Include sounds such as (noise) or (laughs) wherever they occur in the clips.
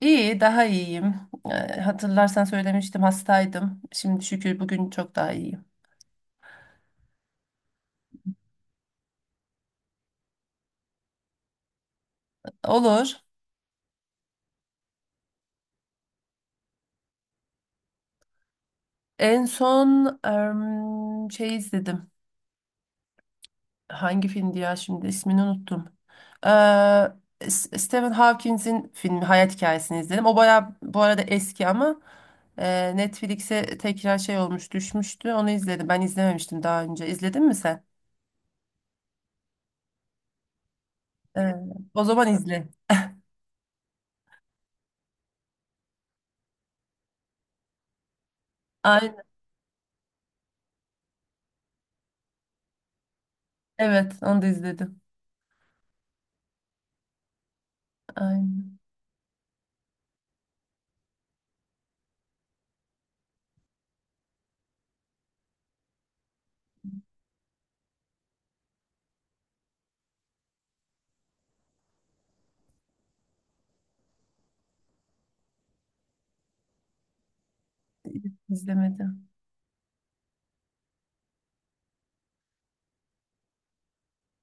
İyi, daha iyiyim. Hatırlarsan söylemiştim hastaydım. Şimdi şükür bugün çok daha iyiyim. Olur. En son şey izledim. Hangi filmdi ya şimdi ismini unuttum. Stephen Hawking'in filmi Hayat Hikayesini izledim. O baya bu arada eski ama Netflix'e tekrar şey olmuş düşmüştü. Onu izledim. Ben izlememiştim daha önce. İzledin mi sen? Ee, O zaman izle. Aynen. Evet onu da izledim. Aynen. İzlemedim.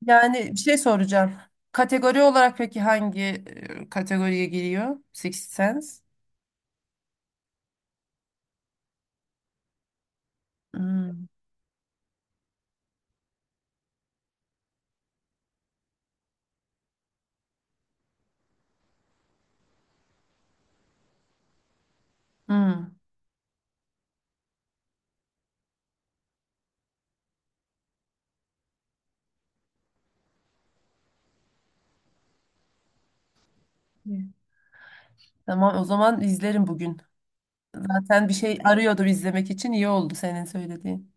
Yani bir şey soracağım. Kategori olarak peki hangi kategoriye giriyor? Sixth Sense? Hmm. Hmm. Evet. Tamam o zaman izlerim bugün. Zaten bir şey arıyordum izlemek için, iyi oldu senin söylediğin.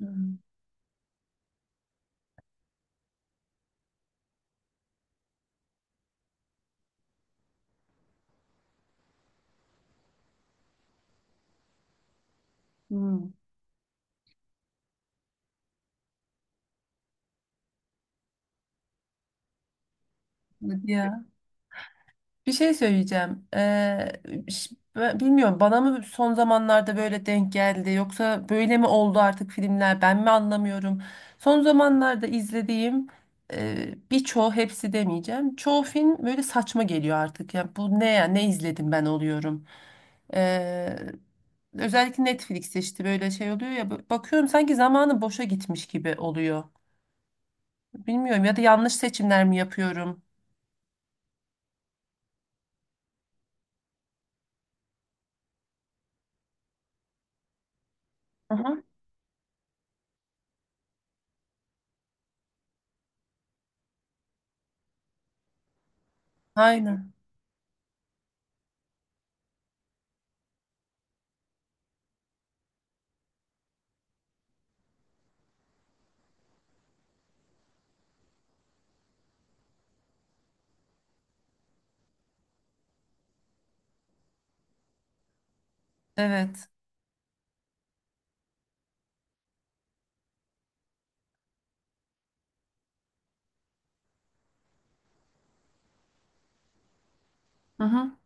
Hmm. Hmm. Hadi ya. Bir şey söyleyeceğim. Ben bilmiyorum, bana mı son zamanlarda böyle denk geldi yoksa böyle mi oldu artık filmler, ben mi anlamıyorum. Son zamanlarda izlediğim birçoğu, hepsi demeyeceğim. Çoğu film böyle saçma geliyor artık. Yani bu ne ya, ne izledim ben oluyorum. Ee, Özellikle Netflix'te işte böyle şey oluyor ya, bakıyorum sanki zamanı boşa gitmiş gibi oluyor. Bilmiyorum, ya da yanlış seçimler mi yapıyorum? Aha. Aynen. Evet. Hı hı.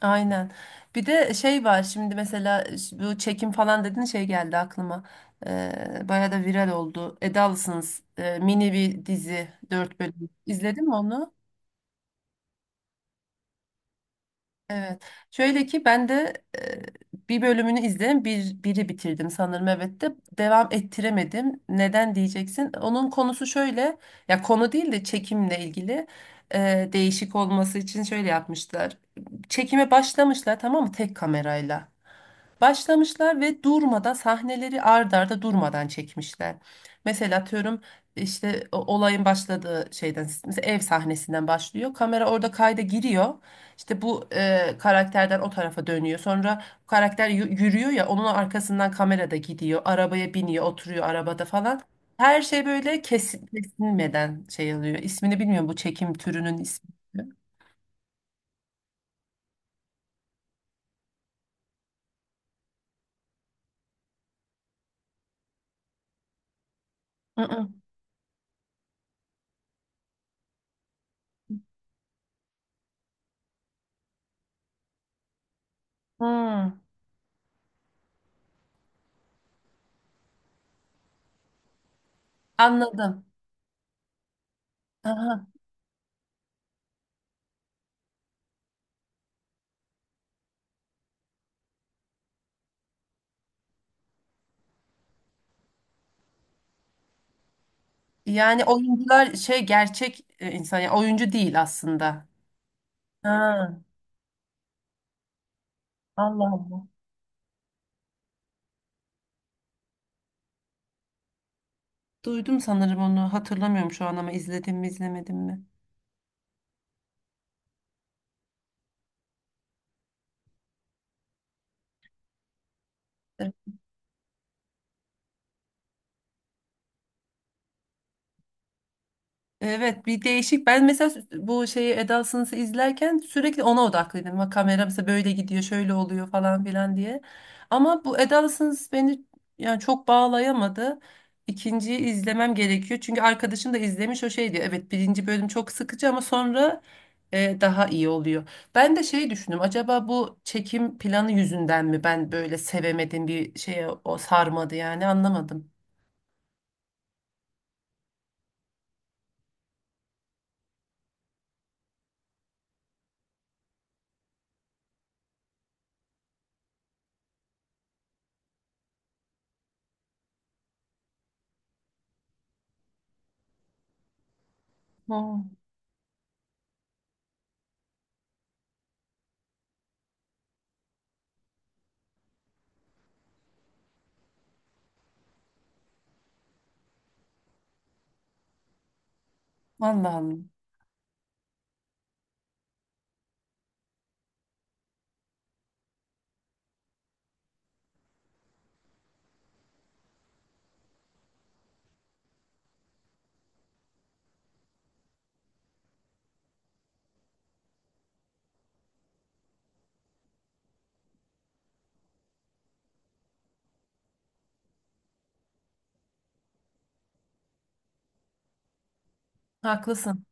Aynen. Bir de şey var şimdi mesela, bu çekim falan dediğin şey geldi aklıma. Bayağı da viral oldu. Edalısınız mini bir dizi, 4 bölüm. İzledin mi onu? Evet. Şöyle ki ben de bir bölümünü izledim. Biri bitirdim sanırım, evet, de devam ettiremedim. Neden diyeceksin? Onun konusu şöyle, ya konu değil de çekimle ilgili, değişik olması için şöyle yapmışlar. Çekime başlamışlar, tamam mı? Tek kamerayla. Başlamışlar ve durmadan sahneleri ard arda durmadan çekmişler. Mesela atıyorum, işte olayın başladığı şeyden, mesela ev sahnesinden başlıyor. Kamera orada kayda giriyor. İşte bu karakterden o tarafa dönüyor. Sonra karakter yürüyor ya, onun arkasından kamera da gidiyor. Arabaya biniyor, oturuyor arabada falan. Her şey böyle kesin, kesilmeden şey alıyor. İsmini bilmiyorum bu çekim türünün ismi. Hı hı. Hmm. Anladım. Aha. Yani oyuncular şey, gerçek insan, yani oyuncu değil aslında. Ha, Allah Allah. Duydum sanırım, onu hatırlamıyorum şu an ama, izledim mi izlemedim mi? Evet, bir değişik. Ben mesela bu şeyi, Eda Sınıf'ı izlerken sürekli ona odaklıydım. Bak kamera mesela böyle gidiyor, şöyle oluyor falan filan diye. Ama bu Eda Sınıf beni, yani çok bağlayamadı. İkinciyi izlemem gerekiyor. Çünkü arkadaşım da izlemiş, o şey diyor, evet birinci bölüm çok sıkıcı ama sonra daha iyi oluyor. Ben de şey düşündüm. Acaba bu çekim planı yüzünden mi ben böyle sevemedim, bir şeye o sarmadı, yani anlamadım. Hmm. Allah Allah. Haklısın.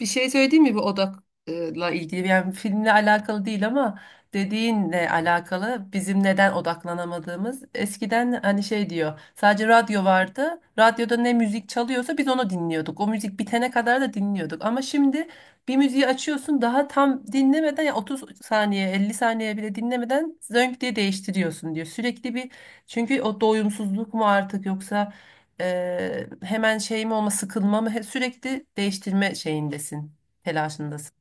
Bir şey söyleyeyim mi bu odakla ilgili? Yani filmle alakalı değil ama, dediğinle alakalı, bizim neden odaklanamadığımız. Eskiden hani şey diyor, sadece radyo vardı. Radyoda ne müzik çalıyorsa biz onu dinliyorduk. O müzik bitene kadar da dinliyorduk. Ama şimdi bir müziği açıyorsun, daha tam dinlemeden ya 30 saniye 50 saniye bile dinlemeden zönk diye değiştiriyorsun diyor. Sürekli bir, çünkü o doyumsuzluk mu artık, yoksa hemen şeyim olma, sıkılma mı, sürekli değiştirme şeyindesin, telaşındasın.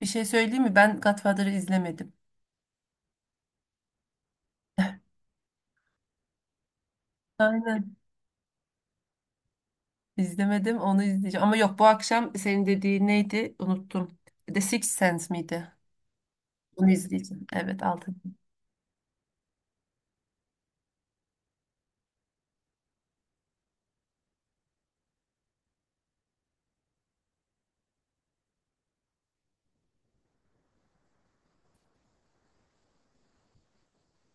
Bir şey söyleyeyim mi? Ben Godfather'ı izlemedim. Aynen. İzlemedim, onu izleyeceğim. Ama yok, bu akşam senin dediğin neydi? Unuttum. The Sixth Sense miydi? Onu izleyeceğim. Evet, altı.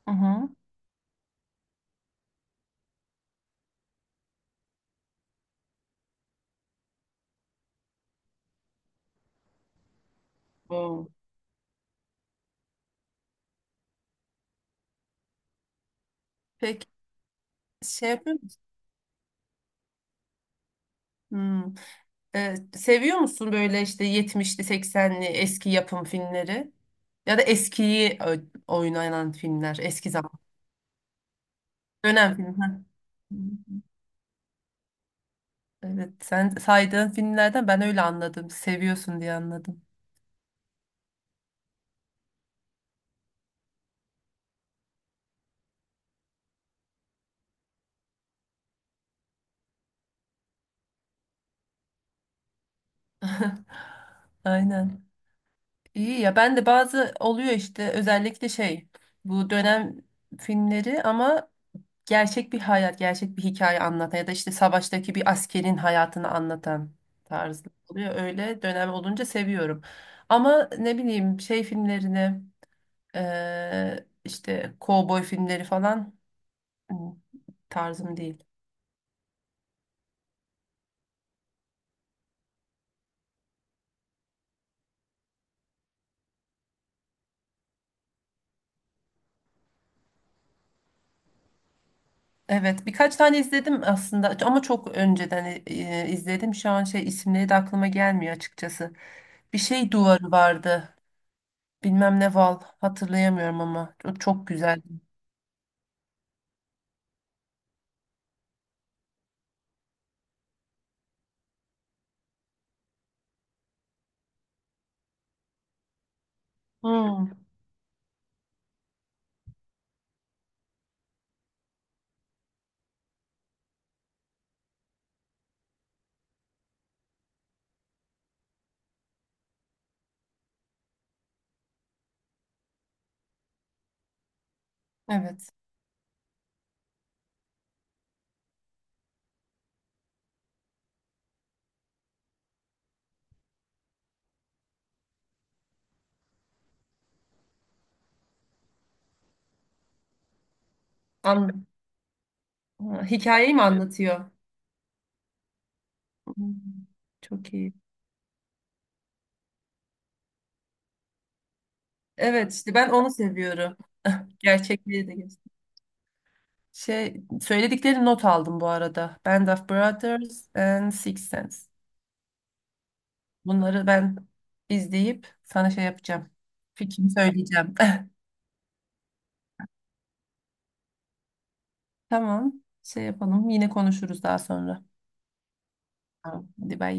Hı hı. Oo. Peki şey yapıyor musun? Hmm. Seviyor musun böyle işte yetmişli seksenli eski yapım filmleri? Ya da eskiyi oynanan filmler, eski zaman, dönem filmi. Ha. Evet, sen saydığın filmlerden ben öyle anladım. Seviyorsun diye anladım. (laughs) Aynen. İyi ya, ben de bazı oluyor işte, özellikle şey, bu dönem filmleri ama gerçek bir hayat, gerçek bir hikaye anlatan ya da işte savaştaki bir askerin hayatını anlatan tarzı oluyor. Öyle dönem olunca seviyorum. Ama ne bileyim, şey filmlerini, işte kovboy filmleri falan, hmm, tarzım değil. Evet, birkaç tane izledim aslında ama çok önceden izledim. Şu an şey, isimleri de aklıma gelmiyor açıkçası. Bir şey duvarı vardı. Bilmem ne Val, hatırlayamıyorum ama o çok güzeldi. Hmm, evet. An. Ha, hikayeyi mi anlatıyor? Hmm, çok iyi. Evet işte ben onu seviyorum. Gerçekliği de geçti. Şey söyledikleri not aldım bu arada. Band of Brothers and Six Sense. Bunları ben izleyip sana şey yapacağım. Fikrimi söyleyeceğim. (laughs) Tamam. Şey yapalım. Yine konuşuruz daha sonra. Tamam. Hadi bay.